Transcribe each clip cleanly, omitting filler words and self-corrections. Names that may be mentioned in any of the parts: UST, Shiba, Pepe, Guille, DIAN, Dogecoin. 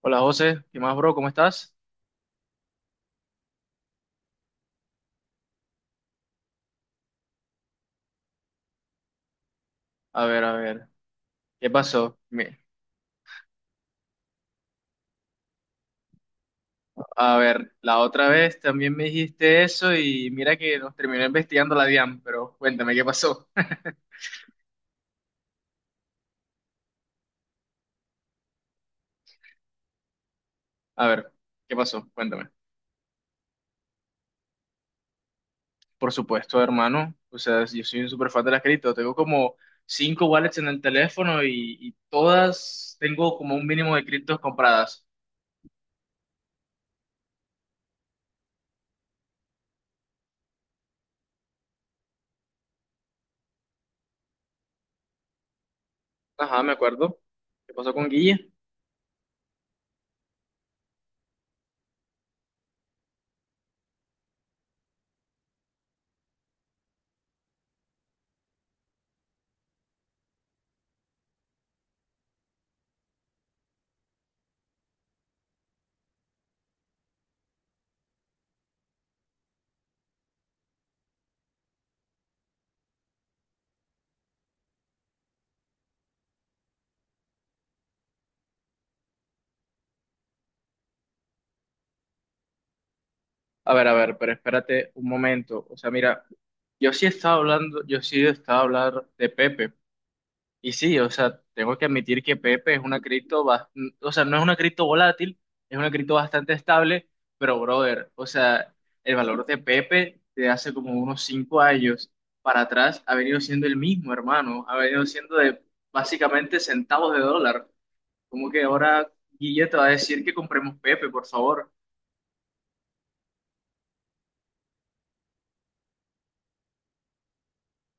Hola José, ¿qué más, bro? ¿Cómo estás? A ver, ¿qué pasó? A ver, la otra vez también me dijiste eso y mira que nos terminó investigando la DIAN, pero cuéntame, ¿qué pasó? A ver, ¿qué pasó? Cuéntame. Por supuesto, hermano, o sea, yo soy un super fan de las cripto, tengo como cinco wallets en el teléfono y todas tengo como un mínimo de criptos compradas. Ajá, me acuerdo. ¿Qué pasó con Guille? A ver, pero espérate un momento. O sea, mira, yo sí estaba hablando de Pepe. Y sí, o sea, tengo que admitir que Pepe es una cripto, o sea, no es una cripto volátil, es una cripto bastante estable, pero brother, o sea, el valor de Pepe de hace como unos cinco años para atrás ha venido siendo el mismo, hermano. Ha venido siendo de básicamente centavos de dólar. Como que ahora Guille te va a decir que compremos Pepe, por favor.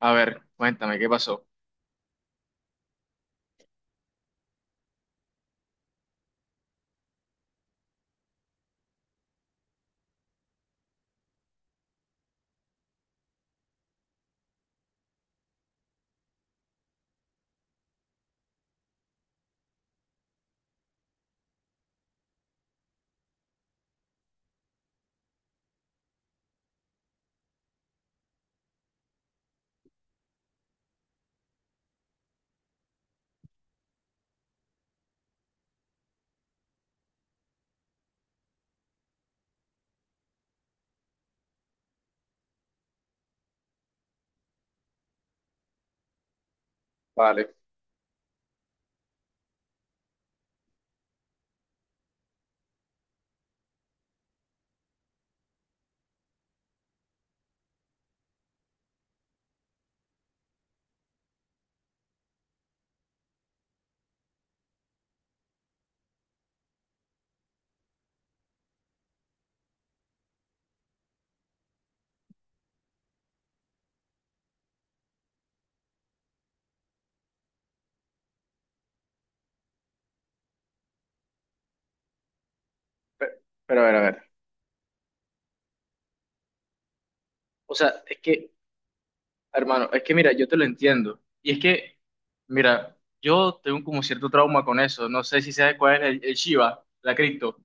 A ver, cuéntame, ¿qué pasó? Vale. Pero, pero a ver, a ver. O sea, es que, hermano, es que mira, yo te lo entiendo. Y es que, mira, yo tengo como cierto trauma con eso. No sé si sabes cuál es el Shiba, la cripto.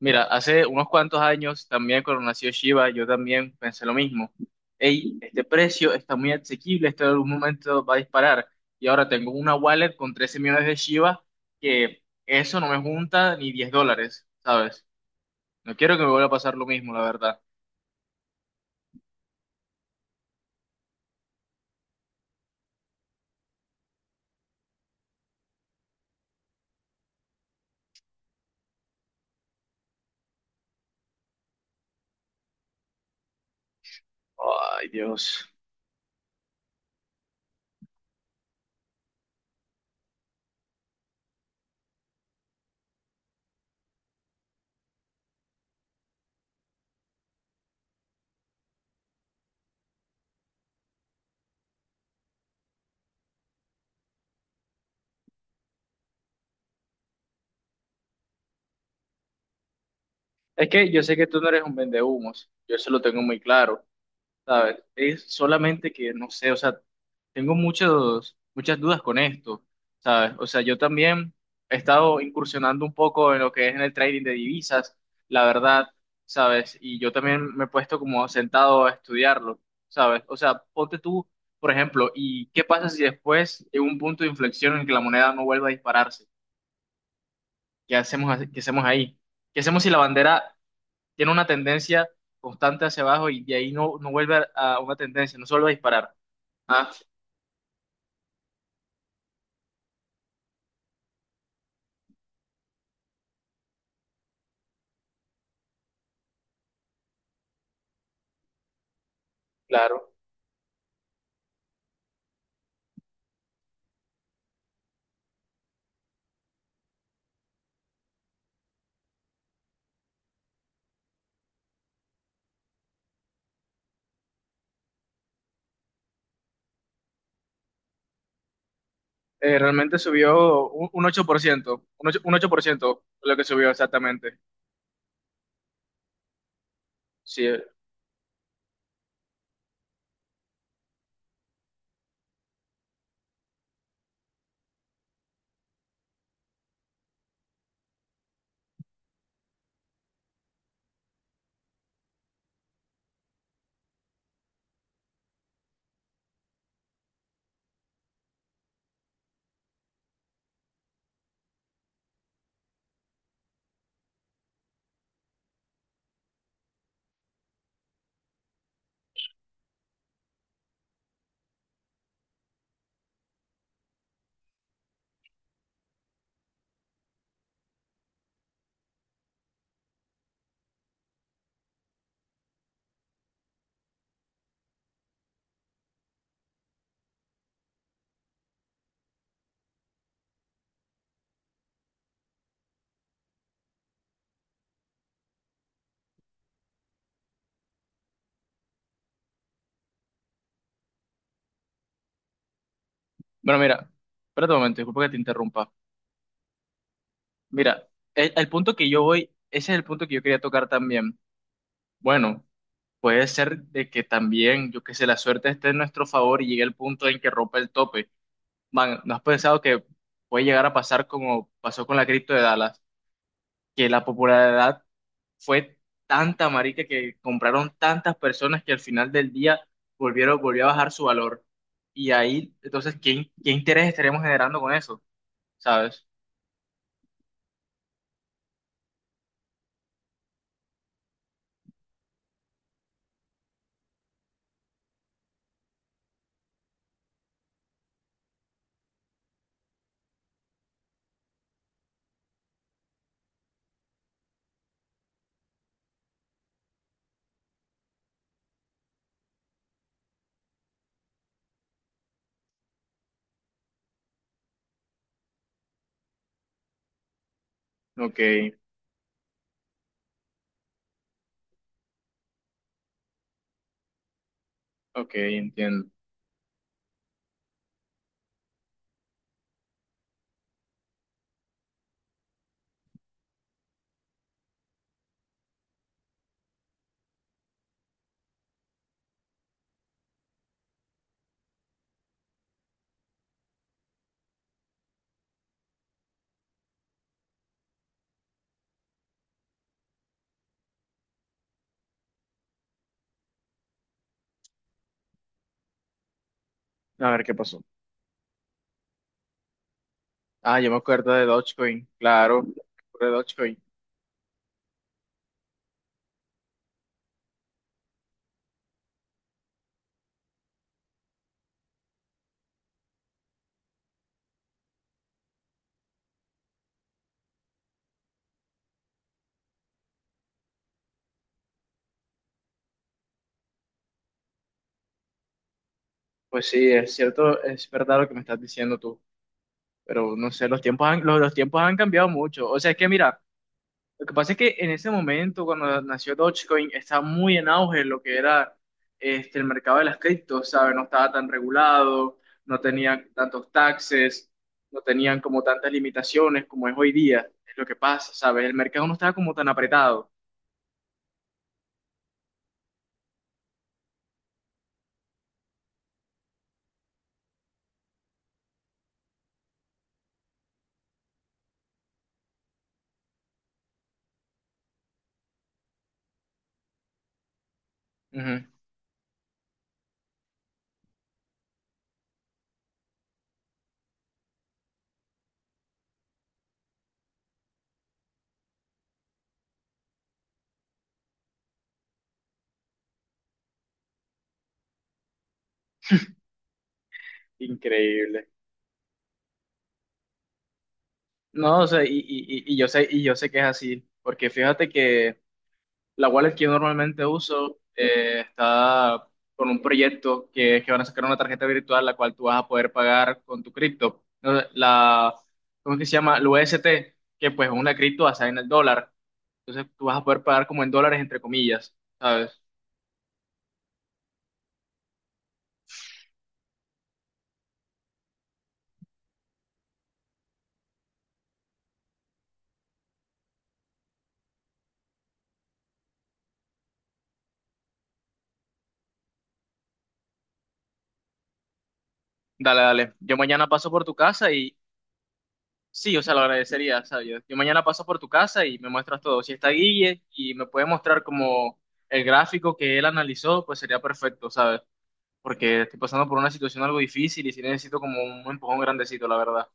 Mira, hace unos cuantos años también cuando nació Shiba, yo también pensé lo mismo. Ey, este precio está muy asequible, esto en algún momento va a disparar. Y ahora tengo una wallet con 13 millones de Shiba que eso no me junta ni 10 dólares, ¿sabes? No quiero que me vuelva a pasar lo mismo, la verdad. Ay, Dios. Es que yo sé que tú no eres un vendehumos, yo eso lo tengo muy claro, ¿sabes? Es solamente que, no sé, o sea, tengo muchas dudas con esto, ¿sabes? O sea, yo también he estado incursionando un poco en lo que es en el trading de divisas, la verdad, ¿sabes? Y yo también me he puesto como sentado a estudiarlo, ¿sabes? O sea, ponte tú, por ejemplo, ¿y qué pasa si después llega un punto de inflexión en que la moneda no vuelva a dispararse? Qué hacemos ahí? ¿Qué hacemos si la bandera tiene una tendencia constante hacia abajo y de ahí no vuelve a una tendencia, no solo a disparar? Ah, claro. Realmente subió un 8%, un ocho por ciento lo que subió exactamente. Sí. Bueno, mira, espérate un momento, disculpa que te interrumpa. Mira, el punto que yo voy, ese es el punto que yo quería tocar también. Bueno, puede ser de que también, yo qué sé, la suerte esté en nuestro favor y llegue el punto en que rompa el tope. Man, ¿no has pensado que puede llegar a pasar como pasó con la cripto de Dallas, que la popularidad fue tanta, marica, que compraron tantas personas que al final del día volvió a bajar su valor? Y ahí, entonces, ¿qué interés estaremos generando con eso? ¿Sabes? Ok, ok, entiendo. A ver qué pasó. Ah, yo me acuerdo de Dogecoin, claro, me acuerdo de Dogecoin. Pues sí, es cierto, es verdad lo que me estás diciendo tú, pero no sé, los tiempos han cambiado mucho. O sea, es que mira, lo que pasa es que en ese momento, cuando nació Dogecoin, estaba muy en auge lo que era este, el mercado de las criptos, ¿sabes? No estaba tan regulado, no tenía tantos taxes, no tenían como tantas limitaciones como es hoy día. Es lo que pasa, ¿sabes? El mercado no estaba como tan apretado. Ujú. Increíble. No, o sea, y yo sé que es así, porque fíjate que la wallet que yo normalmente uso está con un proyecto que es que van a sacar una tarjeta virtual la cual tú vas a poder pagar con tu cripto. No, ¿cómo es que se llama? El UST, que pues es una cripto basada en el dólar. Entonces tú vas a poder pagar como en dólares, entre comillas, ¿sabes? Dale, dale. Yo mañana paso por tu casa y sí, o sea, lo agradecería, ¿sabes? Yo mañana paso por tu casa y me muestras todo. Si está Guille y me puede mostrar como el gráfico que él analizó, pues sería perfecto, ¿sabes? Porque estoy pasando por una situación algo difícil y sí necesito como un empujón grandecito, la verdad.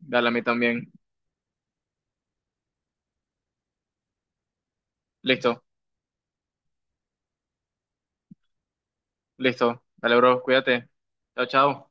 Dale a mí también. Listo, listo. Dale, bro, cuídate. Chao, chao.